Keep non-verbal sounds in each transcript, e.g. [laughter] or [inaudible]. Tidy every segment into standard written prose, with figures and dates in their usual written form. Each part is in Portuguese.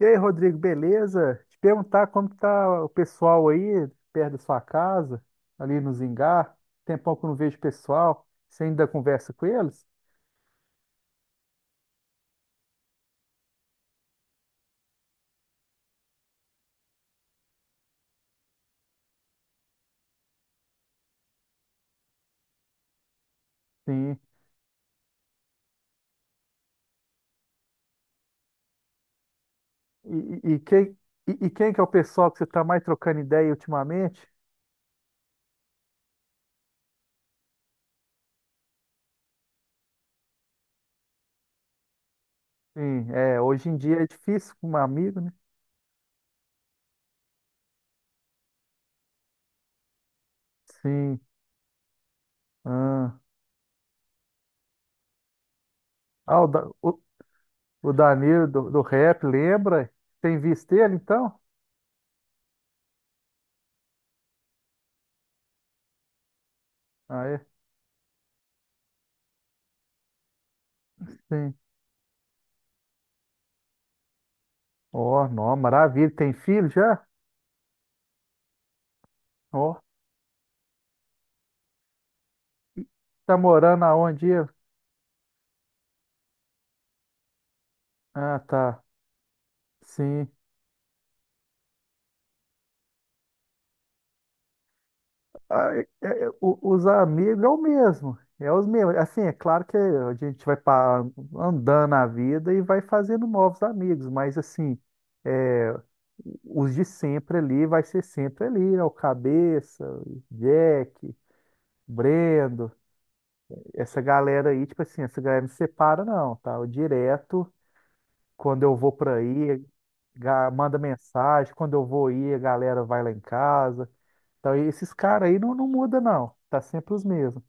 E aí, Rodrigo, beleza? Te perguntar como que tá o pessoal aí, perto da sua casa, ali no Zingá. Tempão que eu não vejo o pessoal. Você ainda conversa com eles? Sim. E, e- e quem, e quem que é o pessoal que você está mais trocando ideia ultimamente? Sim, é, hoje em dia é difícil com um amigo, né? Sim. Ah, Ah, o, Da- o, o Danilo do rap, lembra? Tem visto ele, então? Ah, é? Sim. Ó, nó, maravilha. Tem filho já? Ó, tá morando aonde? Ah, tá. Sim. Os amigos é o mesmo. É os mesmos. Assim, é claro que a gente vai andando a vida e vai fazendo novos amigos, mas assim, é, os de sempre ali vai ser sempre ali, né? O Cabeça, o Jack, Brendo, essa galera aí, tipo assim, essa galera não separa não, tá? Eu direto, quando eu vou pra aí, manda mensagem, quando eu vou ir, a galera vai lá em casa. Então, e esses caras aí não, não muda, não. Tá sempre os mesmos.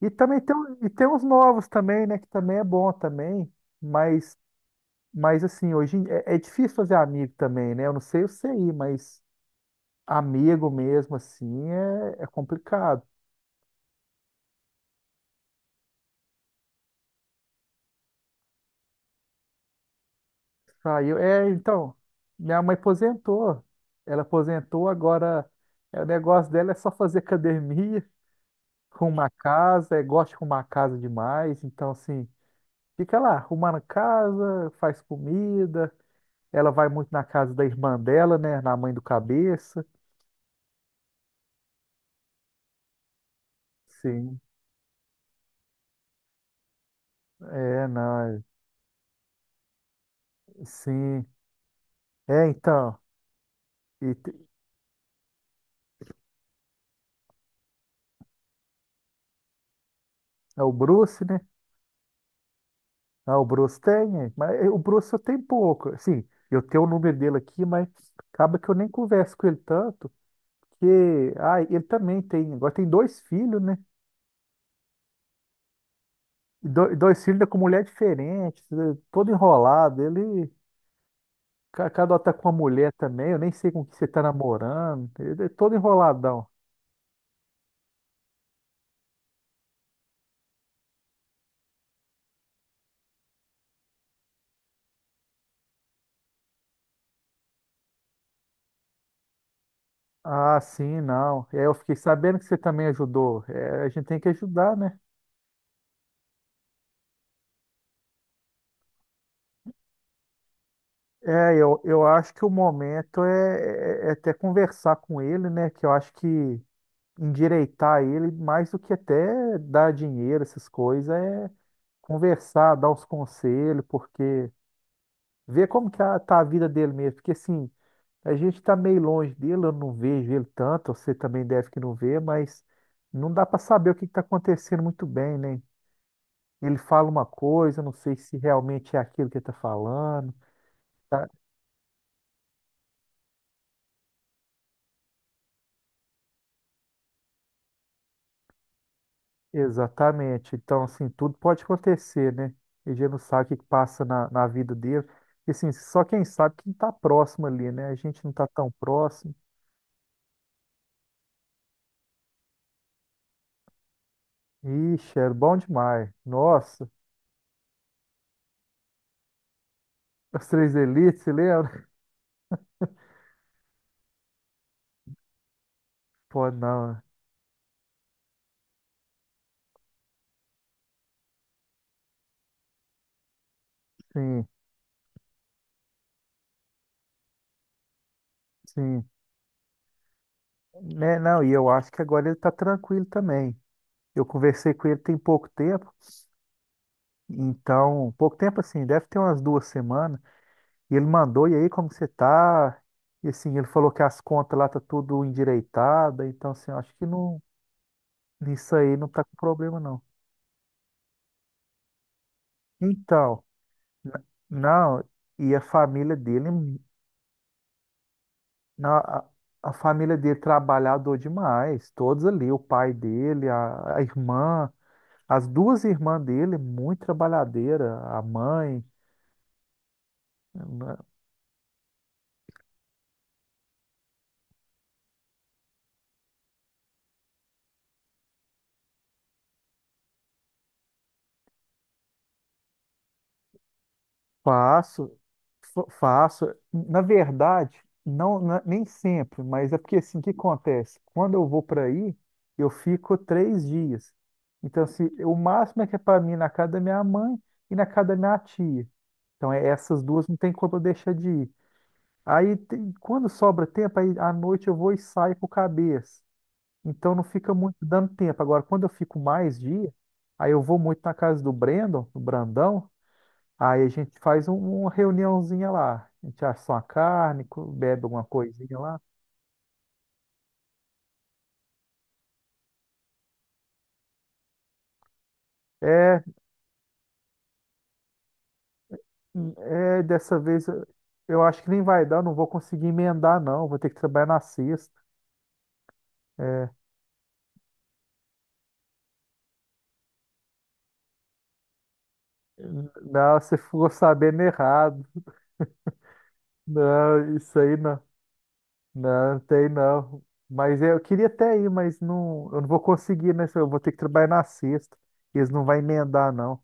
E também tem, e tem uns novos também, né? Que também é bom também. Mas, mas assim, é, é difícil fazer amigo também, né? Eu não sei o CI, mas amigo mesmo, assim, é, é complicado. Saiu. É, então, minha mãe aposentou. Ela aposentou, agora é, o negócio dela é só fazer academia, [laughs] arrumar casa, é, gosta de arrumar casa demais. Então, assim, fica lá, arrumando casa, faz comida. Ela vai muito na casa da irmã dela, né? Na mãe do cabeça. Sim. É, não, é, sim. É, então, e te- é o Bruce, né? Ah, o Bruce tem, é, mas é, o Bruce eu tenho pouco. Assim, eu tenho o número dele aqui, mas acaba que eu nem converso com ele tanto, porque, ah, ele também tem, agora tem dois filhos, né? E dois filhos né, com mulher diferente, né, todo enrolado. Ele, cada hora tá com uma mulher também, eu nem sei com que você tá namorando, ele é todo enroladão. Ah, sim, não. É, eu fiquei sabendo que você também ajudou. É, a gente tem que ajudar, né? Eu acho que o momento é até conversar com ele, né? Que eu acho que endireitar ele, mais do que até dar dinheiro, essas coisas, é conversar, dar uns conselhos, porque ver como que tá a vida dele mesmo. Porque assim, a gente tá meio longe dele, eu não vejo ele tanto, você também deve que não vê, mas não dá para saber o que que tá acontecendo muito bem, né? Ele fala uma coisa, não sei se realmente é aquilo que ele está falando. Tá? Exatamente. Então, assim, tudo pode acontecer, né? A gente não sabe o que que passa na vida dele. E, assim, só quem sabe quem está próximo ali, né? A gente não está tão próximo. Ixi, era bom demais. Nossa, as três elites, você lembra? [laughs] Pô, não. Sim, sim. Né, não, e eu acho que agora ele tá tranquilo também. Eu conversei com ele tem pouco tempo, então, pouco tempo assim, deve ter umas duas semanas. E ele mandou, e aí, como que você tá? E assim, ele falou que as contas lá tá tudo endireitada, então assim, eu acho que não, nisso aí não tá com problema não. Então, n- não, e a família dele, na- a, a família dele trabalhador demais, todos ali, o pai dele, a irmã, as duas irmãs dele, muito trabalhadeira, a mãe. Faço, faço. Na verdade, não, nem sempre, mas é porque assim, o que acontece? Quando eu vou para aí, eu fico três dias. Então, assim, o máximo é que é para mim na casa da minha mãe e na casa da minha tia. Então, é, essas duas não tem como eu deixar de ir. Aí, quando sobra tempo, aí à noite eu vou e saio com o cabeça. Então, não fica muito dando tempo. Agora, quando eu fico mais dia, aí eu vou muito na casa do Brandon, do Brandão. Aí a gente faz uma reuniãozinha lá. A gente assa uma carne, bebe alguma coisinha lá. É, é dessa vez eu acho que nem vai dar, não vou conseguir emendar, não. Vou ter que trabalhar na sexta. É, não, você ficou sabendo errado. Não, isso aí não. Não, não tem não. Mas é, eu queria até ir, mas não, eu não vou conseguir, né? Eu vou ter que trabalhar na sexta. Eles não vão emendar, não.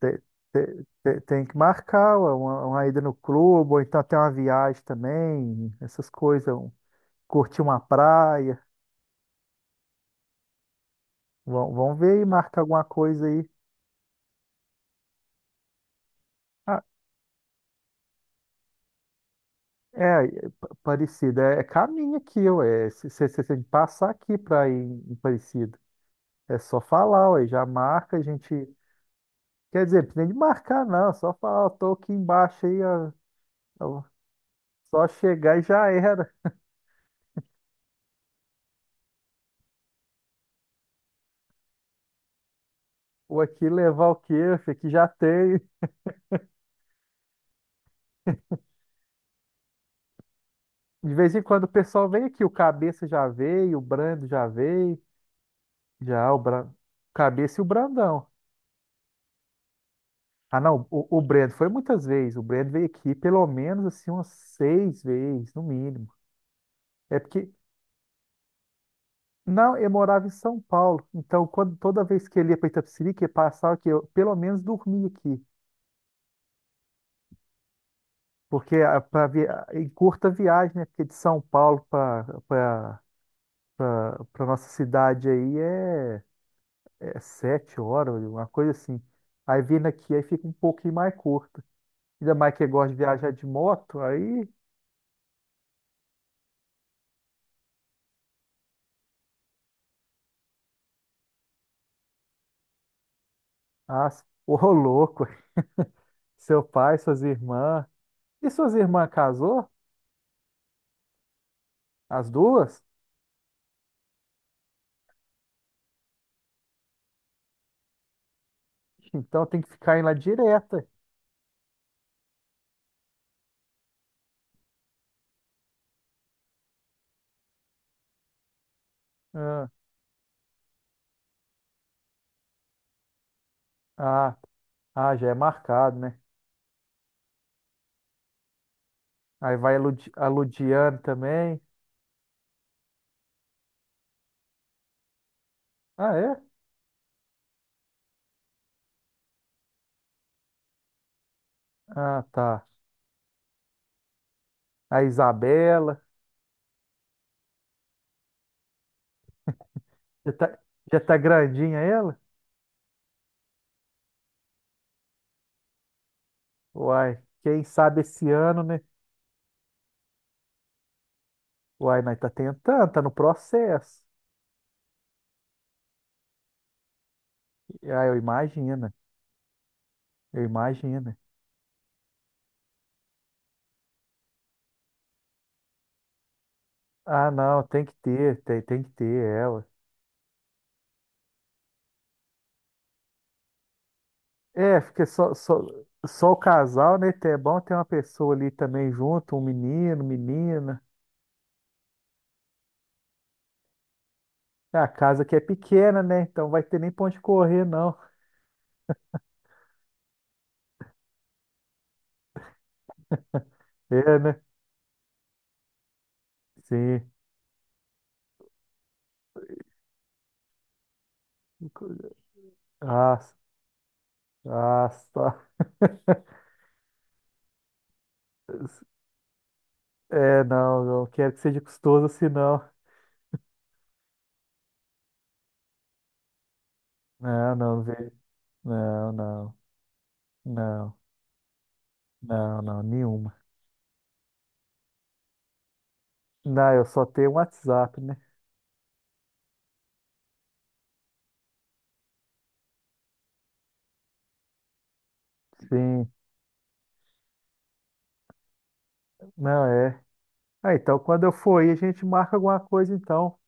Tem, tem que marcar uma ida no clube, ou então tem uma viagem também, essas coisas, curtir uma praia. Vão ver e marcar alguma coisa aí. Ah, é, Parecida, é, é caminho aqui, ué. Você tem que passar aqui para ir em Parecida. É só falar, ué, já marca, a gente. Quer dizer, não precisa nem de marcar, não, é só falar, ó, tô aqui embaixo aí, ó, ó, só chegar e já era. Ou aqui levar o quê? Aqui já tem. De vez em quando o pessoal vem aqui, o Cabeça já veio, o Brando já veio, já o Bra... Cabeça e o Brandão. Ah, não, o Brando foi muitas vezes, o Brando veio aqui pelo menos assim umas seis vezes, no mínimo. É porque, não, eu morava em São Paulo, então quando, toda vez que ele ia para Itapecerica, ele passava aqui, eu pelo menos dormia aqui, porque ah, em curta viagem, né, porque de São Paulo para nossa cidade aí é sete horas, uma coisa assim. Aí vindo aqui, aí fica um pouquinho mais curta. Ainda mais que gosta de viajar de moto, aí, ah, [laughs] ô louco, seu pai, suas irmãs. E suas irmãs casou? As duas? Então tem que ficar indo lá direta. Ah, ah, Já é marcado, né? Aí vai a, Ludi, a Ludiane também. Ah, é? Ah, tá. A Isabela. Já tá, já tá grandinha ela? Uai, quem sabe esse ano, né? Uai, nós tá tentando, tá no processo. Ah, eu imagino. Ah, não, tem que ter, tem que ter ela. É, porque só o casal, né? É bom ter uma pessoa ali também junto, um menino, menina. É a casa que é pequena, né? Então vai ter nem pra onde correr, não. É, né? Sim. Ah, ah, tá. [laughs] É, não, não quero que seja custoso assim, não. Não, não, vê. Não, não, não, não, Nenhuma. Não, eu só tenho um WhatsApp, né? Sim. Não, é. Ah, então quando eu for aí, a gente marca alguma coisa, então.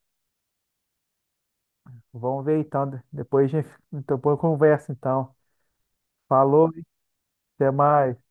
Vamos ver, então. Depois a gente, então, depois conversa, então. Falou, hein? Até mais.